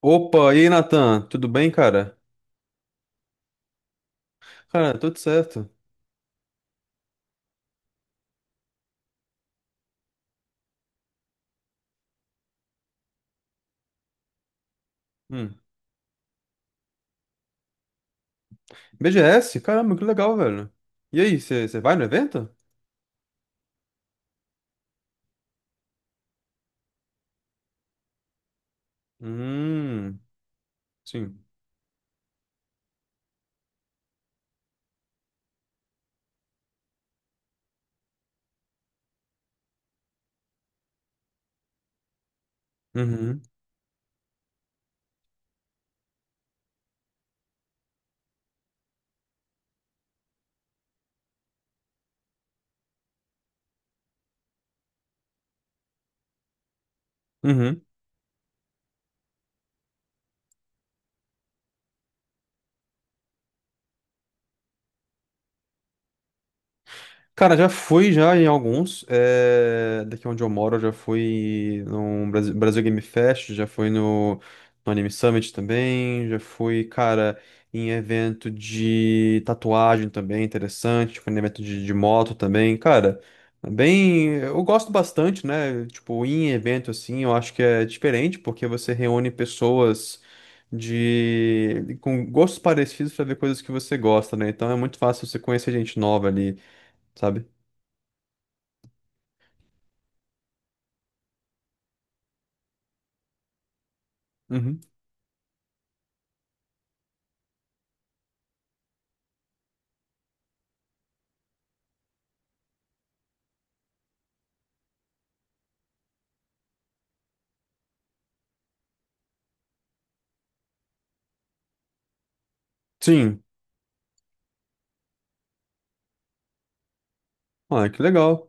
Opa, e aí, Natan? Tudo bem, cara? Cara, tudo certo. Hum. BGS? Caramba, que legal, velho. E aí, você vai no evento? Hum, sim. Uhum, uhum. Cara, já fui já em alguns. Daqui onde eu moro, eu já fui no Brasil, Brasil Game Fest, já fui no, no Anime Summit também, já fui, cara, em evento de tatuagem também, interessante, fui em evento de moto também, cara. Bem, eu gosto bastante, né? Tipo, ir em evento assim, eu acho que é diferente, porque você reúne pessoas de com gostos parecidos pra ver coisas que você gosta, né? Então é muito fácil você conhecer gente nova ali, sabe? Uhum. Sim. Ah, que legal.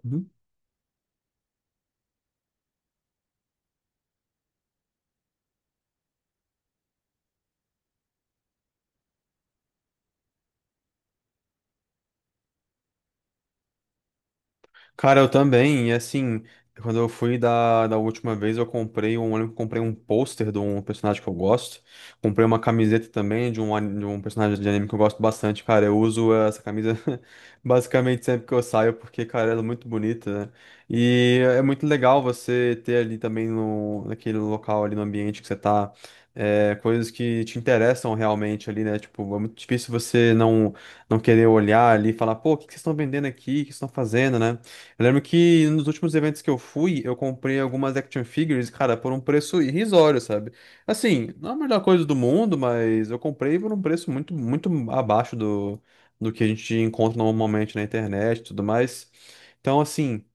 Cara, eu também. E assim, quando eu fui da última vez, eu comprei um, eu lembro que comprei um pôster de um personagem que eu gosto. Comprei uma camiseta também de um, de um personagem de anime que eu gosto bastante, cara. Eu uso essa camisa basicamente sempre que eu saio, porque, cara, ela é muito bonita, né? E é muito legal você ter ali também no, naquele local ali no ambiente que você tá. É, coisas que te interessam realmente ali, né? Tipo, é muito difícil você não querer olhar ali e falar, pô, o que que vocês estão vendendo aqui? O que vocês estão fazendo, né? Eu lembro que nos últimos eventos que eu fui, eu comprei algumas action figures, cara, por um preço irrisório, sabe? Assim, não é a melhor coisa do mundo, mas eu comprei por um preço muito, muito abaixo do, do que a gente encontra normalmente na internet e tudo mais. Então, assim,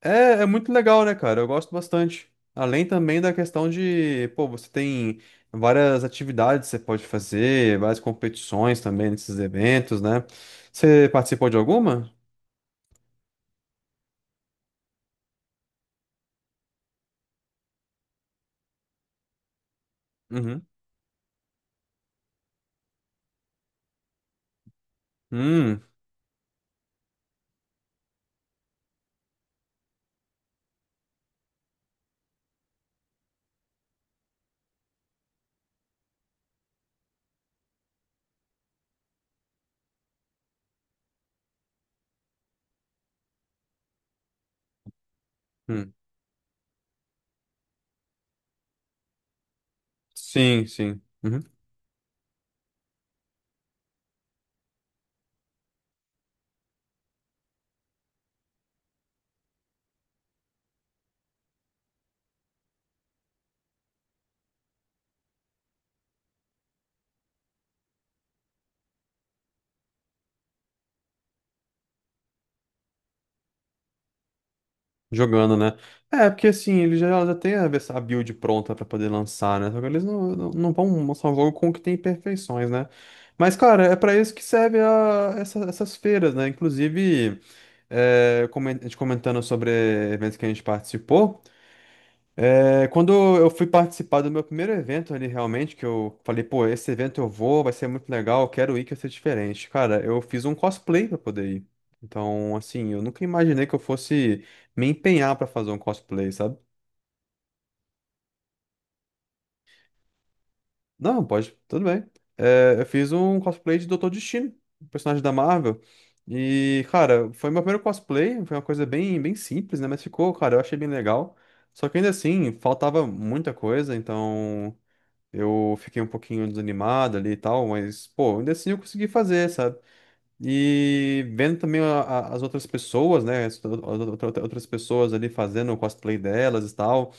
é, é muito legal, né, cara? Eu gosto bastante. Além também da questão de, pô, você tem várias atividades que você pode fazer, várias competições também nesses eventos, né? Você participou de alguma? Uhum. Hum. Sim, sim. Uhum. Jogando, né? É, porque assim, eles já, já têm a a build pronta pra poder lançar, né? Só que eles não, não vão lançar um jogo com o que tem imperfeições, né? Mas, cara, é pra isso que serve essas feiras, né? Inclusive, é, a gente comentando sobre eventos que a gente participou. É, quando eu fui participar do meu primeiro evento ali, realmente, que eu falei, pô, esse evento eu vou, vai ser muito legal, eu quero ir, quero ser diferente. Cara, eu fiz um cosplay pra poder ir. Então, assim, eu nunca imaginei que eu fosse me empenhar pra fazer um cosplay, sabe? Não, pode, tudo bem. É, eu fiz um cosplay de Doutor Destino, um personagem da Marvel. E, cara, foi meu primeiro cosplay, foi uma coisa bem, bem simples, né? Mas ficou, cara, eu achei bem legal. Só que ainda assim, faltava muita coisa, então. Eu fiquei um pouquinho desanimado ali e tal, mas, pô, ainda assim eu consegui fazer, sabe? E vendo também as outras pessoas, né? Outras pessoas ali fazendo o cosplay delas e tal.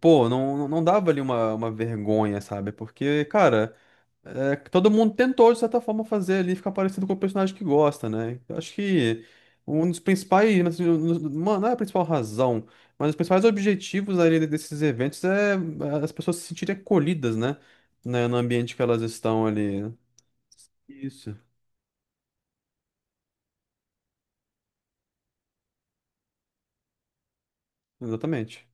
Pô, não, não dava ali uma vergonha, sabe? Porque, cara. É, que todo mundo tentou, de certa forma, fazer ali ficar parecido com o personagem que gosta, né? Eu acho que um dos principais, né, assim, não é a principal razão, mas os principais objetivos ali desses eventos é, as pessoas se sentirem acolhidas, né? Né, no ambiente que elas estão ali. Isso, exatamente.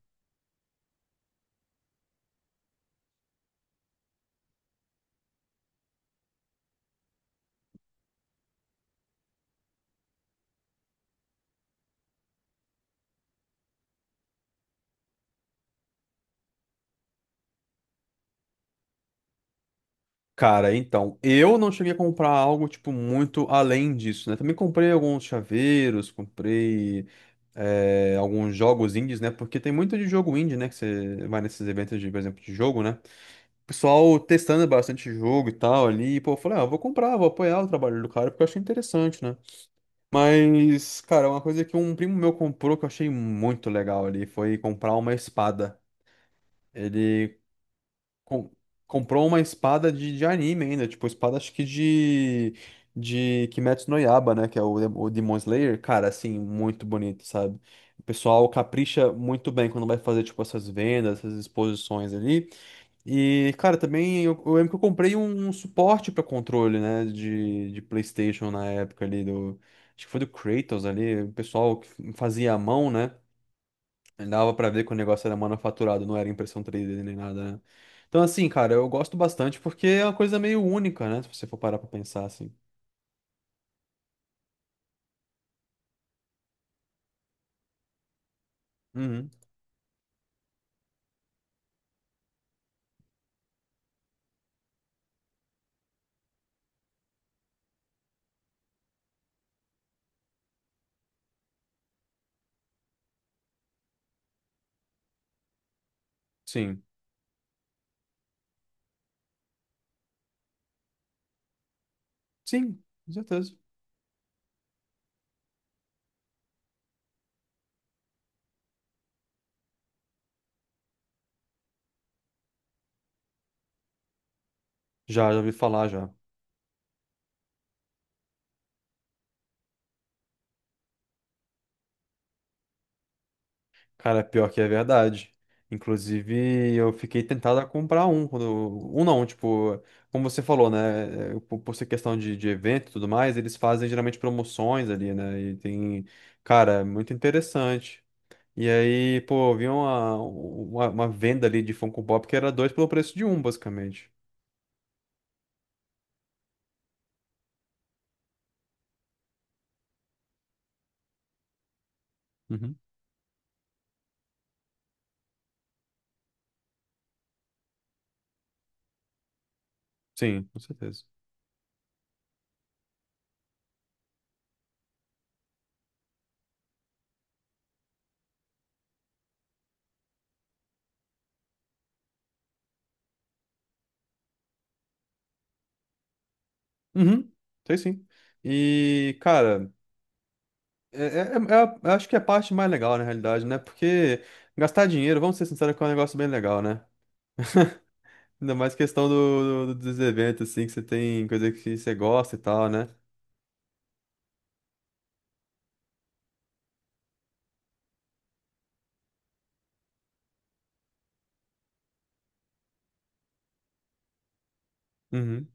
Cara, então, eu não cheguei a comprar algo, tipo, muito além disso, né? Também comprei alguns chaveiros, comprei. É, alguns jogos indies, né? Porque tem muito de jogo indie, né? Que você vai nesses eventos de, por exemplo, de jogo, né? O pessoal testando bastante jogo e tal ali. E, pô, eu falei, ah, eu vou comprar, vou apoiar o trabalho do cara, porque eu achei interessante, né? Mas, cara, uma coisa que um primo meu comprou que eu achei muito legal ali foi comprar uma espada. Ele com- comprou uma espada de anime ainda, tipo, espada acho que de Kimetsu no Yaiba, né, que é o, o Demon Slayer, cara, assim, muito bonito, sabe? O pessoal capricha muito bem quando vai fazer, tipo, essas vendas, essas exposições ali. E, cara, também eu lembro que eu comprei um, um suporte para controle, né, de PlayStation na época ali do... Acho que foi do Kratos ali, o pessoal que fazia à mão, né? Dava pra ver que o negócio era manufaturado, não era impressão 3D nem nada, né? Então, assim, cara, eu gosto bastante porque é uma coisa meio única, né? Se você for parar pra pensar assim. Uhum. Sim. Sim, com certeza. Já, já ouvi falar já. Cara, pior que é verdade. Inclusive, eu fiquei tentado a comprar um. Quando... Um não, tipo, como você falou, né? Por ser questão de evento e tudo mais, eles fazem geralmente promoções ali, né? E tem. Cara, é muito interessante. E aí, pô, eu vi uma, uma venda ali de Funko Pop que era dois pelo preço de um, basicamente. Uhum. Sim, com certeza. Uhum, sei sim. E, cara, é, eu acho que é a parte mais legal, na realidade, né? Porque gastar dinheiro, vamos ser sinceros, que é um negócio bem legal, né? Ainda mais questão do, dos eventos, assim, que você tem coisa que você gosta e tal, né? Uhum,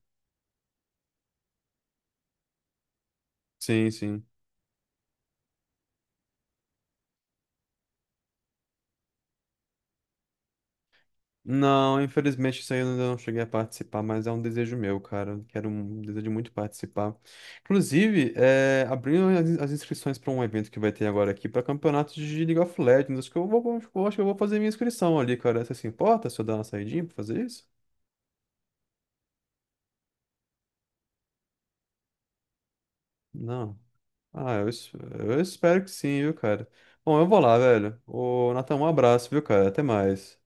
sim, sim. Não, infelizmente isso aí eu ainda não cheguei a participar, mas é um desejo meu, cara. Eu quero um desejo muito participar. Inclusive, é, abrindo as, as inscrições para um evento que vai ter agora aqui para campeonato de League of Legends. Acho que eu vou, acho que eu vou fazer minha inscrição ali, cara. Você se importa se eu dar uma saidinha pra fazer isso? Não. Ah, eu, eu espero que sim, viu, cara. Bom, eu vou lá, velho. Ô, Nathan, um abraço, viu, cara? Até mais.